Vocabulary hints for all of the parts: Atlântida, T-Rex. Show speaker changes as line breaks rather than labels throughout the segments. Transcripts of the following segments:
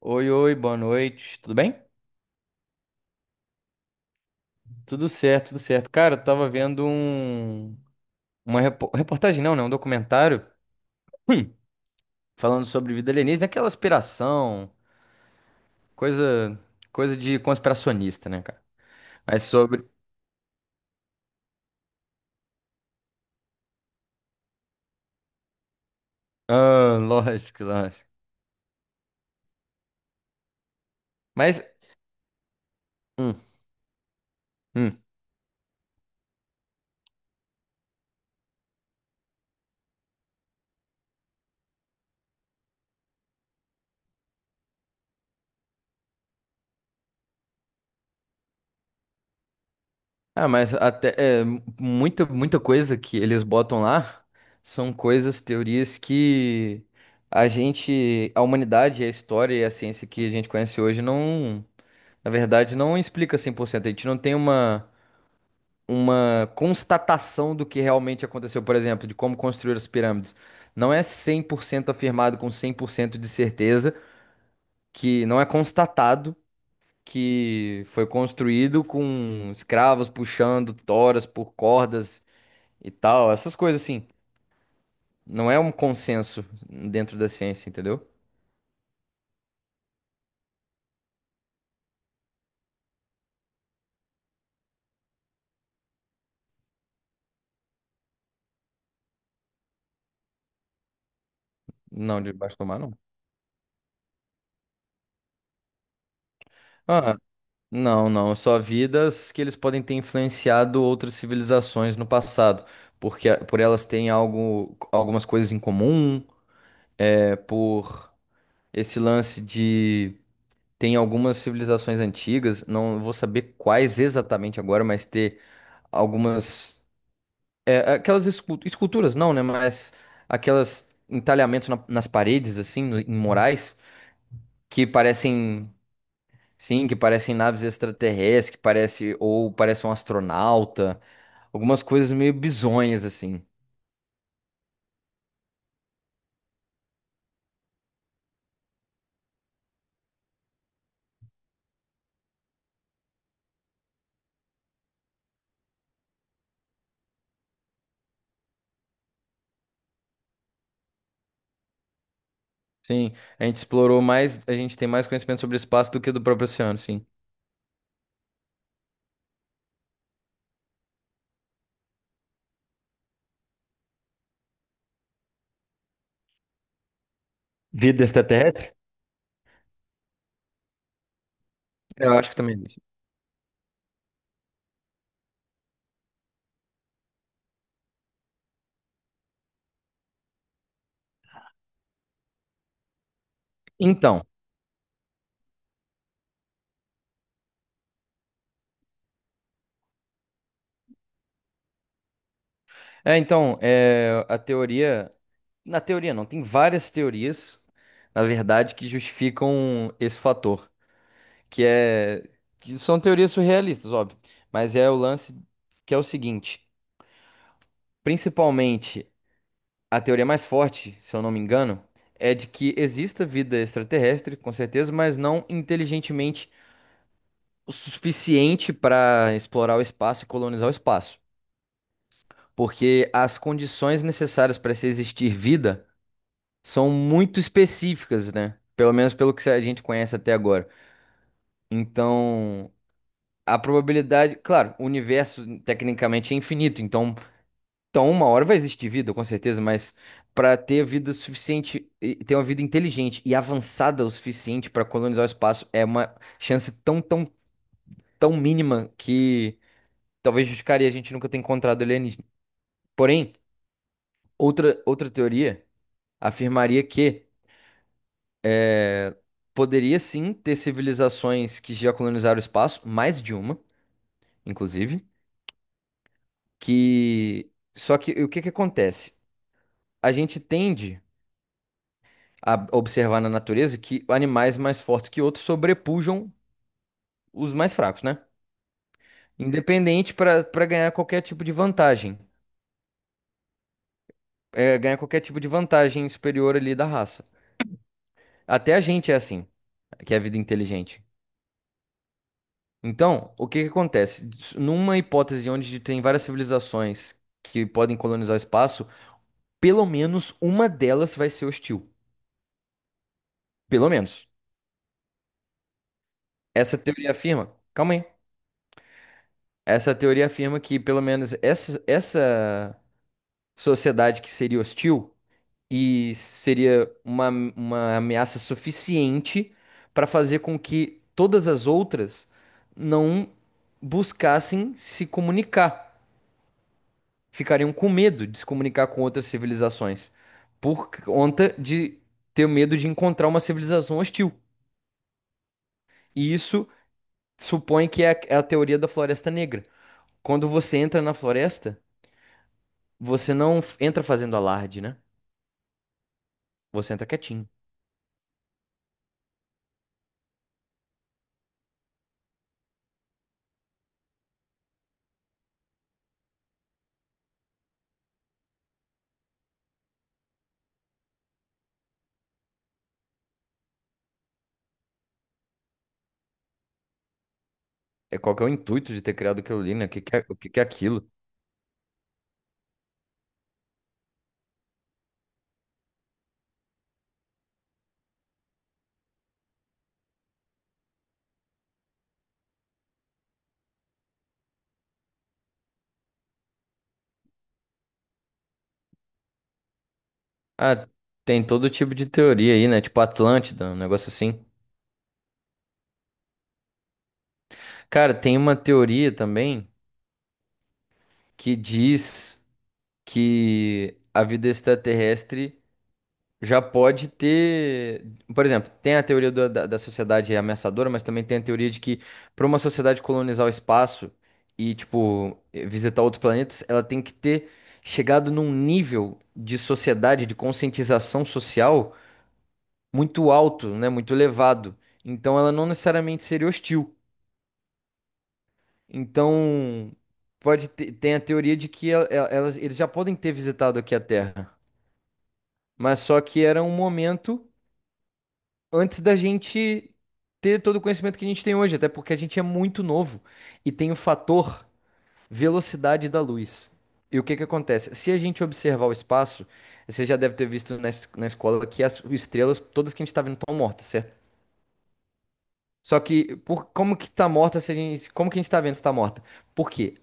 Oi, oi, boa noite. Tudo bem? Tudo certo, tudo certo. Cara, eu tava vendo uma reportagem, não, né? Um documentário hum, falando sobre vida alienígena, aquela aspiração, coisa coisa de conspiracionista, né, cara? Mas sobre... Ah, lógico, lógico. Mas hum, hum. Ah, mas até é, muita coisa que eles botam lá são coisas, teorias que a gente, a humanidade, a história e a ciência que a gente conhece hoje não... Na verdade, não explica 100%. A gente não tem uma constatação do que realmente aconteceu, por exemplo, de como construir as pirâmides. Não é 100% afirmado com 100% de certeza que não é constatado, que foi construído com escravos puxando toras por cordas e tal, essas coisas assim. Não é um consenso dentro da ciência, entendeu? Não, debaixo do mar, não. Ah, não, não, só vidas que eles podem ter influenciado outras civilizações no passado, porque por elas têm algo, algumas coisas em comum, é, por esse lance de... tem algumas civilizações antigas, não vou saber quais exatamente agora, mas ter algumas, é, aquelas esculturas, não, né? Mas aquelas entalhamentos nas paredes assim, em murais que parecem... Sim, que parecem naves extraterrestres, que parece, ou parece um astronauta, algumas coisas meio bizonhas assim. Sim, a gente explorou mais, a gente tem mais conhecimento sobre espaço do que do próprio oceano, sim. Vida extraterrestre? Eu acho que também existe. Então, então, é, a teoria, na teoria não, tem várias teorias, na verdade, que justificam esse fator, que é, que são teorias surrealistas, óbvio, mas é o lance que é o seguinte, principalmente... A teoria mais forte, se eu não me engano, é de que exista vida extraterrestre, com certeza, mas não inteligentemente o suficiente para explorar o espaço e colonizar o espaço. Porque as condições necessárias para se existir vida são muito específicas, né? Pelo menos pelo que a gente conhece até agora. Então, a probabilidade, claro, o universo tecnicamente é infinito, então... Então, uma hora vai existir vida, com certeza, mas para ter vida suficiente, e ter uma vida inteligente e avançada o suficiente para colonizar o espaço, é uma chance tão, tão, tão mínima que talvez justificaria a gente nunca ter encontrado alienígena. Porém, outra teoria afirmaria que poderia sim ter civilizações que já colonizaram o espaço, mais de uma, inclusive, que... só que o que que acontece? A gente tende a observar na natureza que animais mais fortes que outros sobrepujam os mais fracos, né? Independente, para ganhar qualquer tipo de vantagem, é, ganhar qualquer tipo de vantagem superior ali da raça. Até a gente é assim, que é a vida inteligente. Então, o que que acontece? Numa hipótese onde tem várias civilizações que podem colonizar o espaço, pelo menos uma delas vai ser hostil. Pelo menos. Essa teoria afirma. Calma aí. Essa teoria afirma que pelo menos essa sociedade que seria hostil e seria uma ameaça suficiente para fazer com que todas as outras não buscassem se comunicar, ficariam com medo de se comunicar com outras civilizações por conta de ter medo de encontrar uma civilização hostil. E isso supõe que é a, é a teoria da floresta negra. Quando você entra na floresta, você não entra fazendo alarde, né? Você entra quietinho. É, qual que é o intuito de ter criado aquilo ali, né? O que que é, o que que é aquilo? Ah, tem todo tipo de teoria aí, né? Tipo Atlântida, um negócio assim. Cara, tem uma teoria também que diz que a vida extraterrestre já pode ter... Por exemplo, tem a teoria da sociedade ameaçadora, mas também tem a teoria de que para uma sociedade colonizar o espaço e, tipo, visitar outros planetas, ela tem que ter chegado num nível de sociedade, de conscientização social muito alto, né? Muito elevado. Então ela não necessariamente seria hostil. Então pode ter, tem a teoria de que elas, eles já podem ter visitado aqui a Terra, mas só que era um momento antes da gente ter todo o conhecimento que a gente tem hoje, até porque a gente é muito novo e tem o fator velocidade da luz. E o que que acontece? Se a gente observar o espaço, você já deve ter visto na, na escola que as estrelas, todas que a gente está vendo, estão mortas, certo? Só que por... como que tá morta? Se a gente... como que a gente tá vendo se tá morta? Porque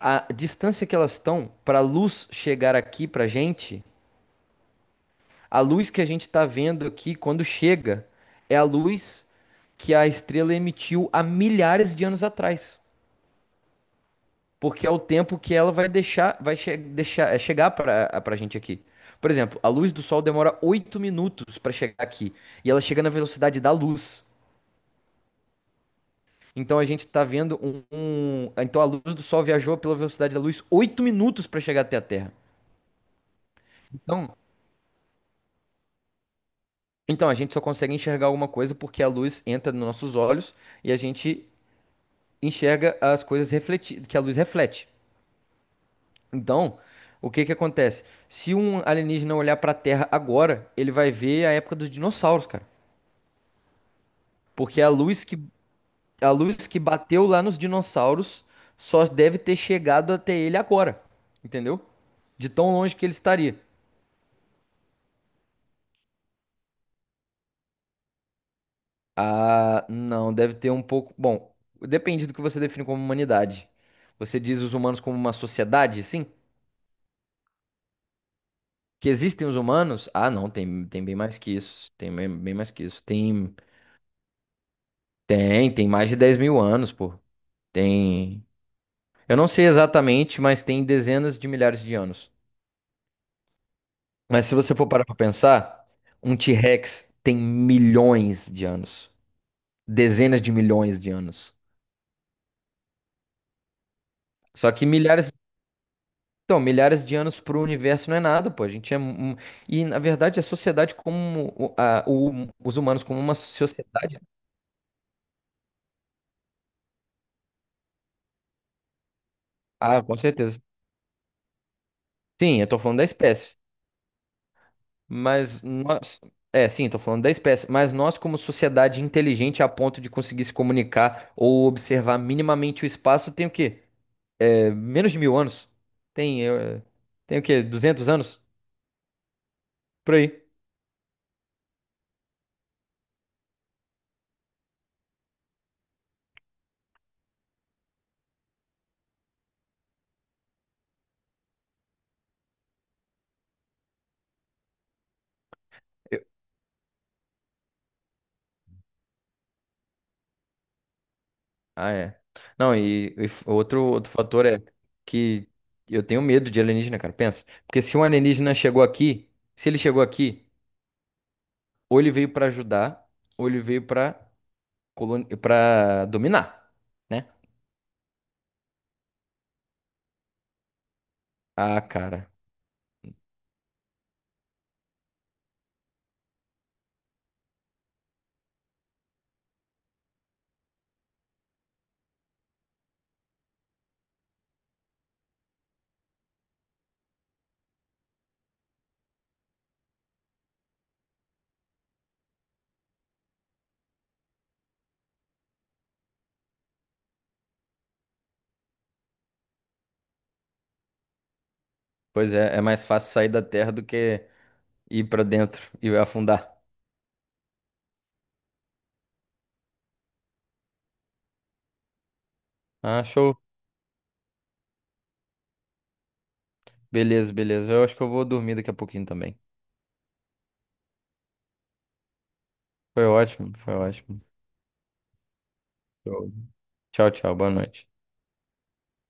a distância que elas estão para a luz chegar aqui pra gente, a luz que a gente tá vendo aqui quando chega é a luz que a estrela emitiu há milhares de anos atrás, porque é o tempo que ela vai deixar, vai che deixar, é, chegar para para gente aqui. Por exemplo, a luz do sol demora 8 minutos para chegar aqui e ela chega na velocidade da luz. Então a gente tá vendo Então a luz do Sol viajou pela velocidade da luz 8 minutos para chegar até a Terra. Então, então a gente só consegue enxergar alguma coisa porque a luz entra nos nossos olhos e a gente enxerga as coisas refleti que a luz reflete. Então, o que que acontece? Se um alienígena olhar para a Terra agora, ele vai ver a época dos dinossauros, cara. Porque a luz que bateu lá nos dinossauros só deve ter chegado até ele agora, entendeu? De tão longe que ele estaria. Ah, não, deve ter um pouco. Bom, depende do que você define como humanidade. Você diz os humanos como uma sociedade, sim? Que existem os humanos? Ah, não, tem, tem bem mais que isso. Tem bem, bem mais que isso. Tem, tem, tem mais de 10.000 anos, pô. Tem. Eu não sei exatamente, mas tem dezenas de milhares de anos. Mas se você for parar pra pensar, um T-Rex tem milhões de anos. Dezenas de milhões de anos. Só que milhares... Então, milhares de anos para o universo não é nada, pô. A gente é... E, na verdade, a sociedade como... os humanos como uma sociedade. Ah, com certeza. Sim, eu tô falando da espécie. Mas nós... É, sim, tô falando da espécie. Mas nós, como sociedade inteligente a ponto de conseguir se comunicar ou observar minimamente o espaço, tem o quê? É, menos de 1.000 anos? Tem. É, tem o quê? 200 anos? Por aí. Ah, é. Não, e, outro, outro fator é que eu tenho medo de alienígena, cara. Pensa. Porque se um alienígena chegou aqui, se ele chegou aqui, ou ele veio pra ajudar, ou ele veio pra... pra dominar, né? Ah, cara. Pois é, é mais fácil sair da Terra do que ir pra dentro e afundar. Ah, show. Beleza, beleza. Eu acho que eu vou dormir daqui a pouquinho também. Foi ótimo, foi ótimo. Show. Tchau, tchau. Boa noite.